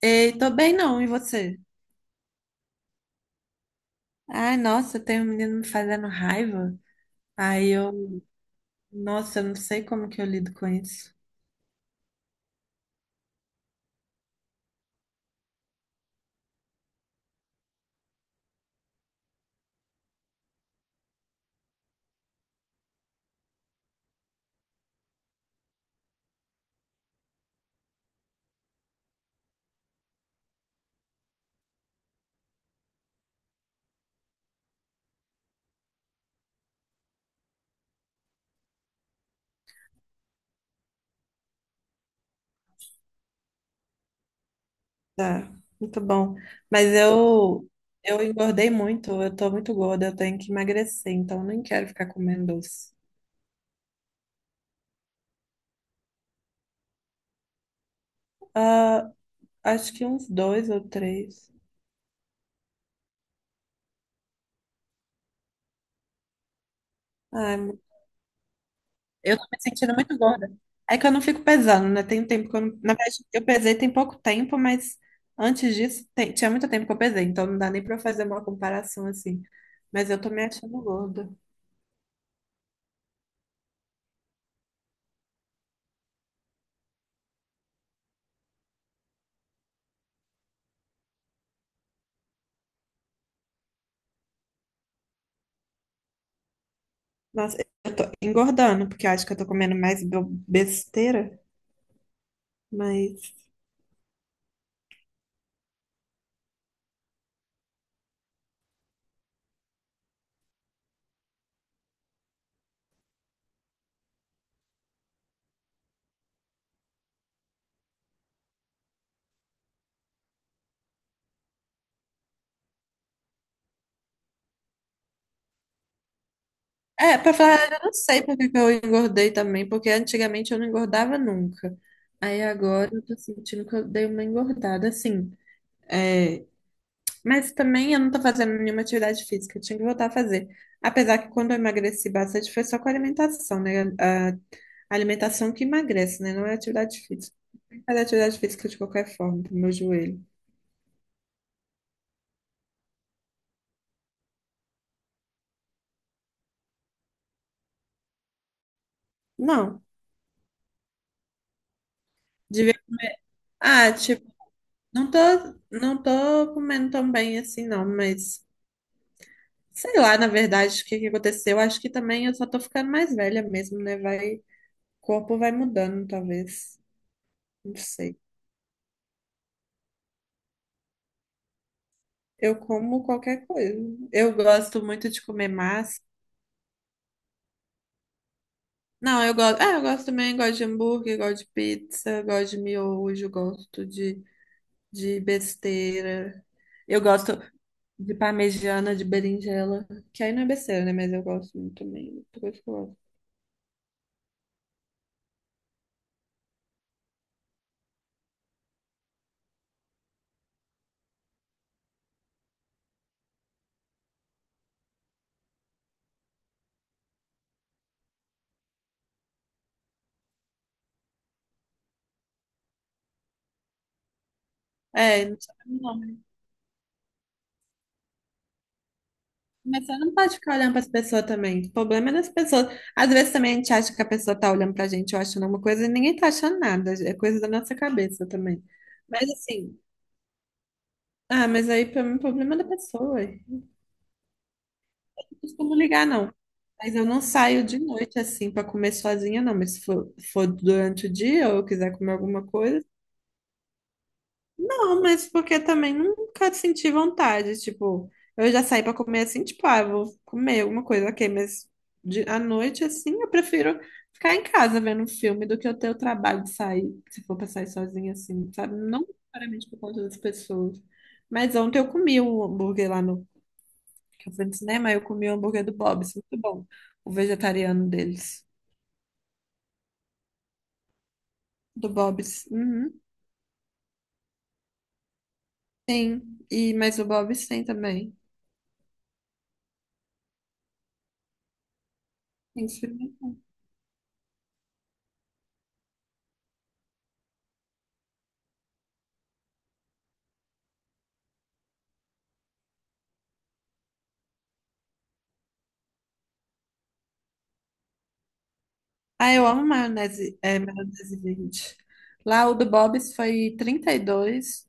Ei, tô bem não, e você? Ai, nossa, tem um menino me fazendo raiva. Aí eu, nossa, eu não sei como que eu lido com isso. Tá, muito bom. Mas eu engordei muito, eu tô muito gorda, eu tenho que emagrecer, então eu nem quero ficar comendo doce. Ah, acho que uns dois ou três. Ai, eu tô me sentindo muito gorda. É que eu não fico pesando, né? Tem um tempo que eu não... Na verdade, eu pesei tem pouco tempo, mas antes disso, tinha muito tempo que eu pesei, então não dá nem pra eu fazer uma comparação assim. Mas eu tô me achando gorda. Nossa, eu tô engordando, porque eu acho que eu tô comendo mais besteira, mas... É, pra falar, a verdade, eu não sei por que que eu engordei também, porque antigamente eu não engordava nunca. Aí agora eu tô sentindo que eu dei uma engordada, assim. É, mas também eu não tô fazendo nenhuma atividade física, eu tinha que voltar a fazer. Apesar que quando eu emagreci bastante foi só com a alimentação, né? A alimentação que emagrece, né? Não é atividade física. Tem que fazer atividade física de qualquer forma, pro meu joelho. Não. Devia... Ah, tipo, não tô, não tô comendo tão bem assim, não, mas sei lá, na verdade, o que que aconteceu. Acho que também eu só tô ficando mais velha mesmo, né? Vai, o corpo vai mudando, talvez. Não sei. Eu como qualquer coisa. Eu gosto muito de comer massa. Não, eu gosto. Ah, eu gosto também, gosto de hambúrguer, gosto de pizza, gosto de miojo, de besteira. Eu gosto de parmegiana, de berinjela, que aí não é besteira, né? Mas eu gosto muito também. Outra coisa que eu gosto. É, não sabe o nome. Mas você não pode ficar olhando para as pessoas também. O problema é das pessoas. Às vezes também a gente acha que a pessoa tá olhando pra gente, ou achando alguma coisa, e ninguém tá achando nada. É coisa da nossa cabeça também. Mas assim. Ah, mas aí pra mim, o problema é da pessoa. Eu não costumo ligar, não. Mas eu não saio de noite assim pra comer sozinha, não. Mas se for, for durante o dia ou eu quiser comer alguma coisa. Não, mas porque também nunca senti vontade. Tipo, eu já saí pra comer assim, tipo, ah, eu vou comer alguma coisa, ok. Mas à noite assim, eu prefiro ficar em casa vendo um filme do que eu ter o trabalho de sair, se for pra sair sozinha assim, sabe? Não necessariamente por conta das pessoas. Mas ontem eu comi o hambúrguer lá no... Eu fui no cinema, eu comi o hambúrguer do Bob's, muito bom. O vegetariano deles. Do Bob's. Uhum. Sim. E, mas o Bob's tem também. Tem que experimentar. Ah, eu amo maionese, é, maionese verde. Lá o do Bob's foi 32 reais,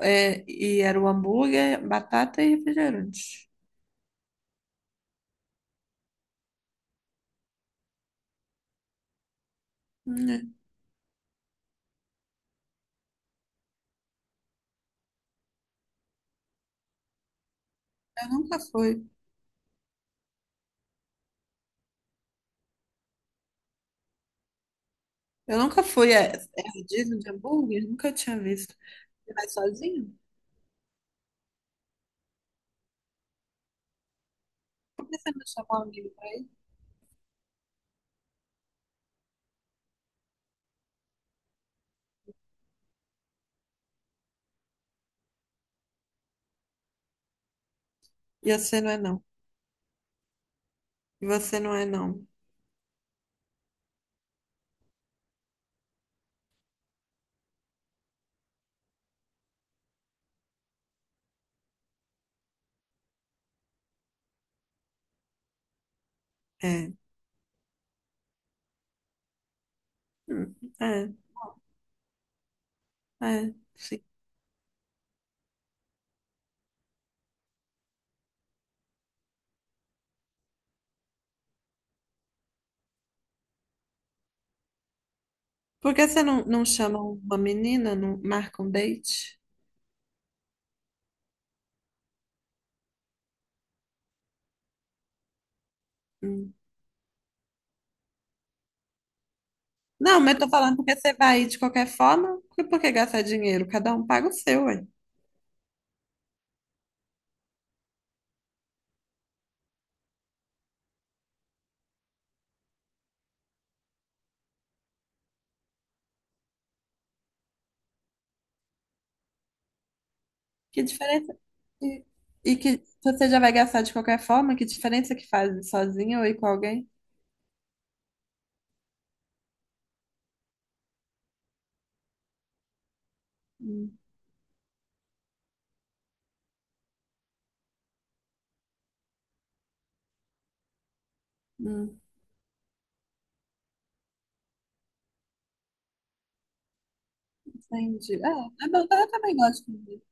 é, e era o hambúrguer, batata e refrigerante. Hum, Eu nunca fui. Eu nunca fui. É, é rodízio de hambúrguer? Nunca tinha visto. Você vai sozinho? Por que você não chamou um amigo pra ir? E você não é não. E você não é não. É. É, é, sim. Por que você não, não chama uma menina, não marca um date? Hum. Não, mas eu tô falando porque você vai ir de qualquer forma, por que gastar dinheiro? Cada um paga o seu, ué. Que diferença? E, e que se você já vai gastar de qualquer forma, que diferença que faz ir sozinha ou ir com alguém? Hum, hum, entendi. É, é bom, eu também gosto de ver.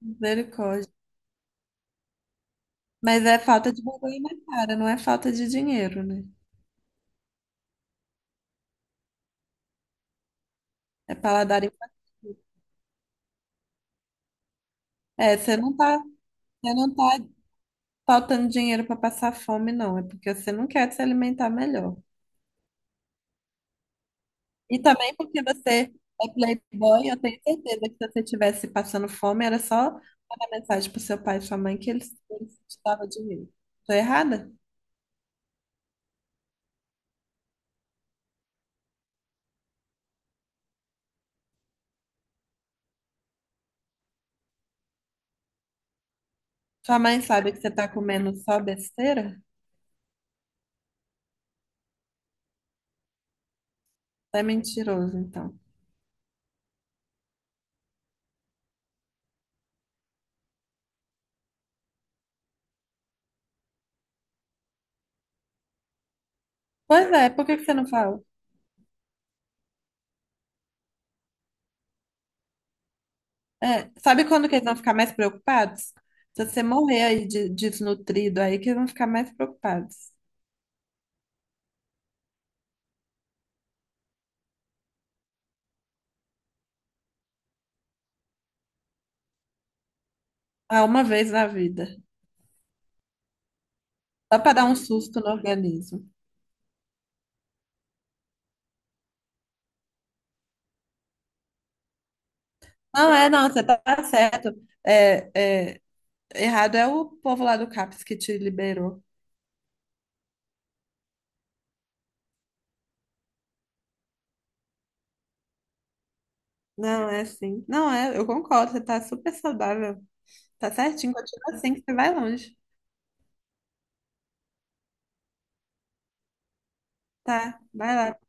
Misericórdia. Mas é falta de vergonha na cara, não é falta de dinheiro, né? É paladar infantil. É, você não tá, você não tá faltando dinheiro para passar fome, não. É porque você não quer se alimentar melhor. E também porque você é playboy, eu tenho certeza que se você estivesse passando fome, era só mandar mensagem pro seu pai e sua mãe que eles te davam dinheiro. Tô errada? Sua mãe sabe que você tá comendo só besteira? Você é mentiroso, então. Pois é, por que que você não fala? É, sabe quando que eles vão ficar mais preocupados? Se você morrer aí desnutrido aí, que eles vão ficar mais preocupados. Ah, uma vez na vida. Só para dar um susto no organismo. Não, é, não, você tá certo. É, é, errado é o povo lá do CAPS que te liberou. Não, é assim. Não, é, eu concordo, você tá super saudável. Tá certinho, continua assim que você vai longe. Tá, vai lá.